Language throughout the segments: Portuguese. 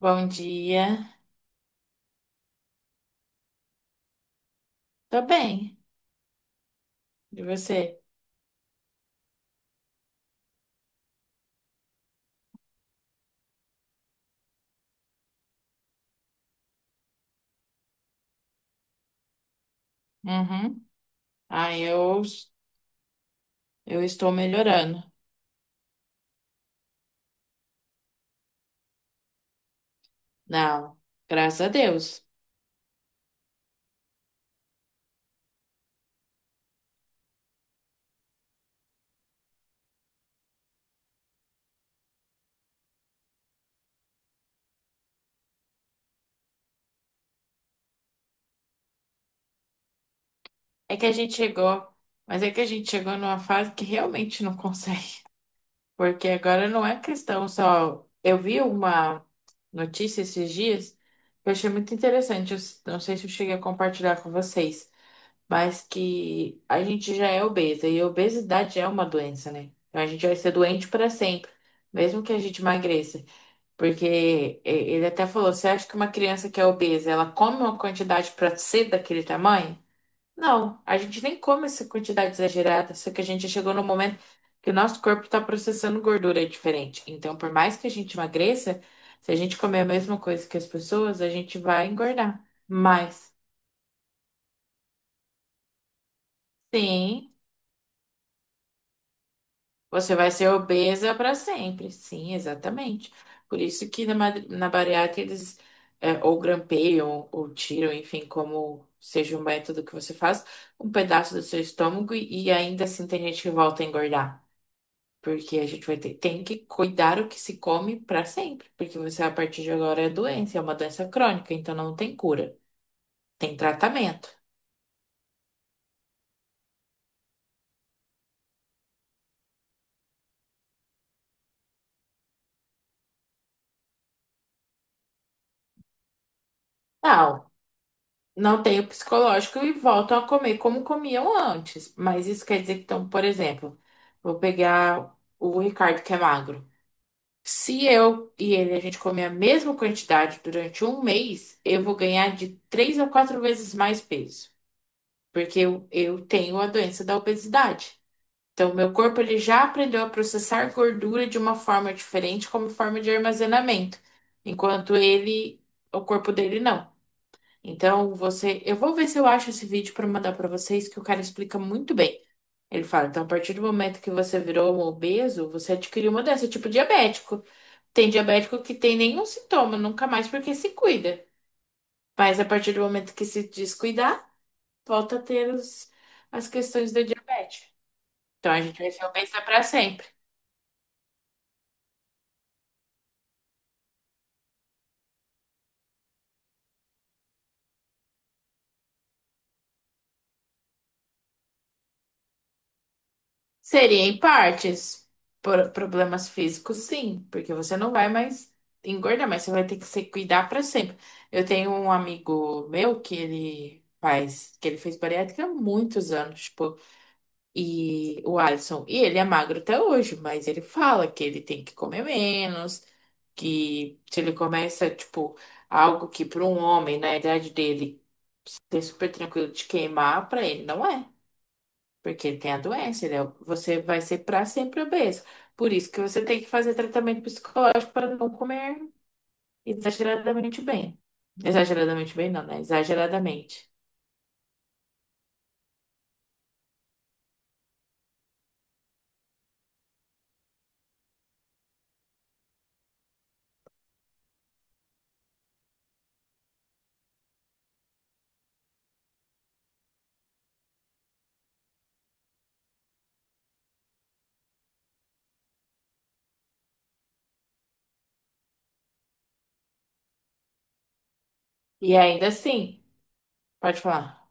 Bom dia. Tô bem. E você? Uhum. Ah, eu, eu estou melhorando. Não, graças a Deus. É que a gente chegou, mas é que a gente chegou numa fase que realmente não consegue. Porque agora não é questão só. Eu vi uma notícia esses dias que eu achei muito interessante. Não sei se eu cheguei a compartilhar com vocês, mas que a gente já é obesa e a obesidade é uma doença, né? Então a gente vai ser doente para sempre, mesmo que a gente emagreça. Ele até falou: você acha que uma criança que é obesa, ela come uma quantidade para ser daquele tamanho? Não, a gente nem come essa quantidade exagerada, só que a gente chegou no momento que o nosso corpo está processando gordura diferente. Então, por mais que a gente emagreça, se a gente comer a mesma coisa que as pessoas, a gente vai engordar. Mas, sim. Você vai ser obesa para sempre. Sim, exatamente. Por isso que na bariátrica eles ou grampeiam ou tiram, enfim, como seja o método que você faz, um pedaço do seu estômago e ainda assim tem gente que volta a engordar. Porque a gente vai tem que cuidar o que se come para sempre. Porque você, a partir de agora, é doença, é uma doença crônica, então não tem cura. Tem tratamento. Não, não tem o psicológico e voltam a comer como comiam antes. Mas isso quer dizer que, então, por exemplo, vou pegar o Ricardo que é magro. Se eu e ele a gente comer a mesma quantidade durante um mês, eu vou ganhar de três a quatro vezes mais peso, porque eu tenho a doença da obesidade. Então, meu corpo ele já aprendeu a processar gordura de uma forma diferente, como forma de armazenamento, enquanto ele, o corpo dele não. Então, eu vou ver se eu acho esse vídeo para mandar para vocês, que o cara explica muito bem. Ele fala, então, a partir do momento que você virou um obeso, você adquiriu uma doença, tipo diabético. Tem diabético que tem nenhum sintoma, nunca mais, porque se cuida. Mas a partir do momento que se descuidar, volta a ter as questões da diabetes. Então, a gente vai ser obesa para sempre. Seria em partes. Por problemas físicos, sim, porque você não vai mais engordar, mas você vai ter que se cuidar para sempre. Eu tenho um amigo meu que ele fez bariátrica há muitos anos, tipo, e o Alisson, e ele é magro até hoje, mas ele fala que ele tem que comer menos, que se ele começa, tipo, algo que para um homem na idade dele é super tranquilo de queimar, para ele não é. Porque ele tem a doença, você vai ser para sempre obeso. Por isso que você tem que fazer tratamento psicológico para não comer exageradamente bem. Exageradamente bem, não, né? Exageradamente. E ainda assim, pode falar,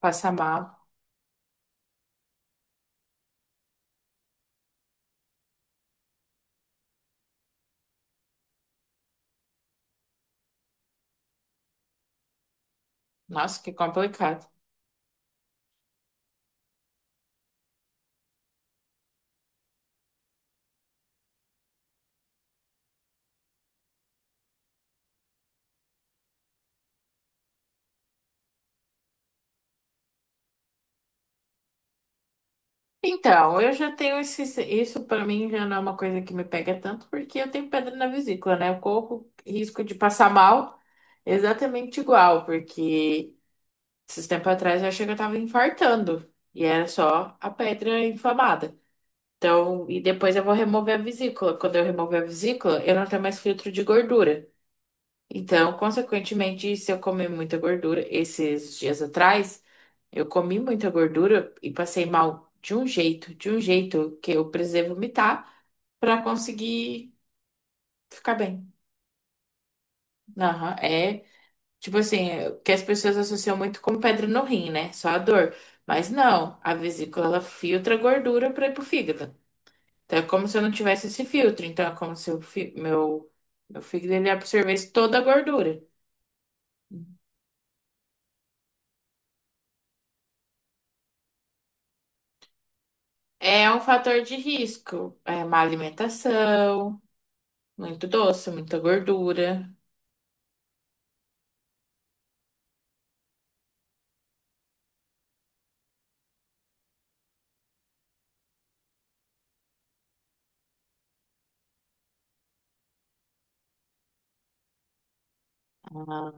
passa mal. Nossa, que complicado. Então, eu já tenho isso para mim já não é uma coisa que me pega tanto, porque eu tenho pedra na vesícula, né? Eu corro risco de passar mal exatamente igual, porque. Esses tempos atrás eu achei que eu tava infartando. E era só a pedra inflamada. Então, e depois eu vou remover a vesícula. Quando eu remover a vesícula, eu não tenho mais filtro de gordura. Então, consequentemente, se eu comer muita gordura, esses dias atrás, eu comi muita gordura e passei mal de um jeito que eu precisei vomitar pra conseguir ficar bem. Aham. É, tipo assim, que as pessoas associam muito com pedra no rim, né? Só a dor. Mas não, a vesícula ela filtra a gordura para ir pro fígado. Então é como se eu não tivesse esse filtro. Então é como se o meu fígado ele absorvesse toda a gordura. É um fator de risco. É má alimentação, muito doce, muita gordura. Ah,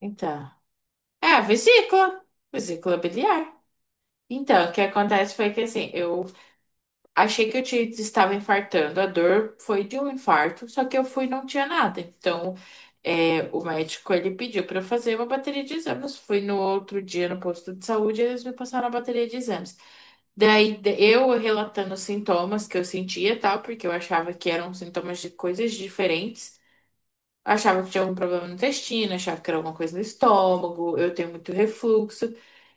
então. É a vesícula, vesícula biliar. Então, o que acontece foi que assim, eu achei que eu estava infartando. A dor foi de um infarto, só que eu fui e não tinha nada. Então, o médico ele pediu para eu fazer uma bateria de exames. Fui no outro dia no posto de saúde e eles me passaram a bateria de exames. Daí, eu relatando os sintomas que eu sentia, tal, porque eu achava que eram sintomas de coisas diferentes. Achava que tinha algum problema no intestino, achava que era alguma coisa no estômago, eu tenho muito refluxo.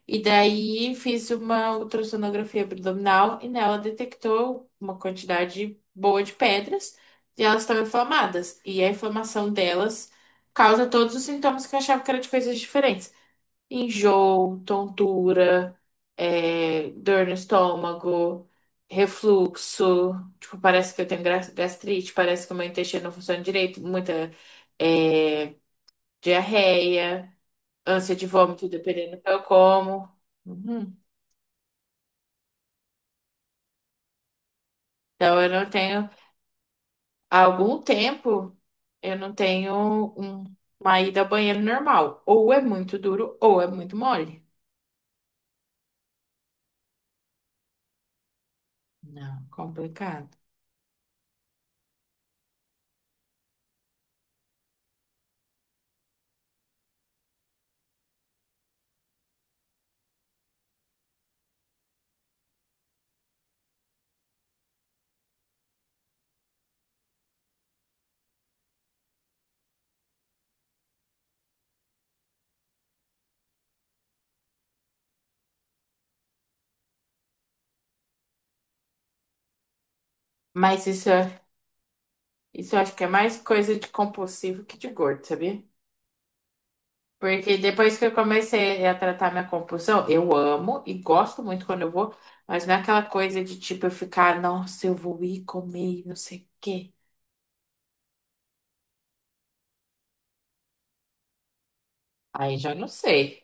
E daí fiz uma ultrassonografia abdominal e nela detectou uma quantidade boa de pedras e elas estão inflamadas. E a inflamação delas causa todos os sintomas que eu achava que era de coisas diferentes. Enjoo, tontura, dor no estômago, refluxo. Tipo, parece que eu tenho gastrite, parece que o meu intestino não funciona direito, muita é, diarreia, ânsia de vômito, dependendo do que eu como. Uhum. Então, eu não tenho. Há algum tempo, eu não tenho um- uma ida ao banheiro normal. Ou é muito duro, ou é muito mole. Não, complicado. Mas isso. É, isso eu acho que é mais coisa de compulsivo que de gordo, sabia? Porque depois que eu comecei a tratar minha compulsão, eu amo e gosto muito quando eu vou, mas não é aquela coisa de tipo eu ficar, nossa, eu vou ir comer e não sei o quê. Aí já não sei.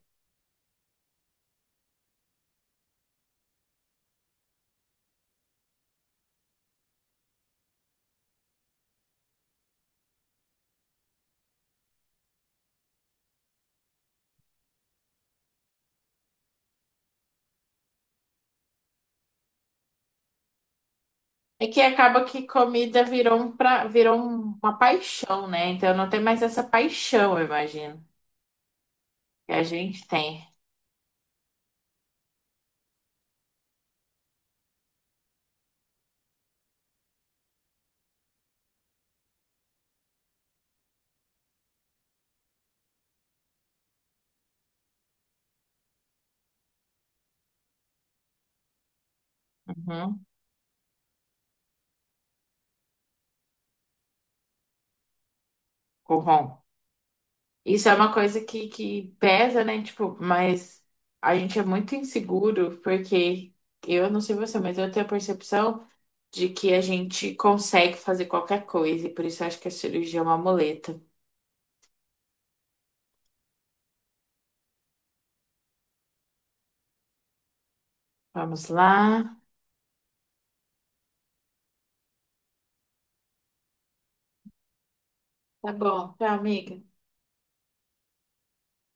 É que acaba que comida virou um pra... uma paixão, né? Então não tem mais essa paixão, eu imagino, que a gente tem. Uhum. Com isso é uma coisa que pesa, né? Tipo, mas a gente é muito inseguro, porque eu não sei você, mas eu tenho a percepção de que a gente consegue fazer qualquer coisa, e por isso eu acho que a cirurgia é uma muleta. Vamos lá. Tá bom, tchau, amiga.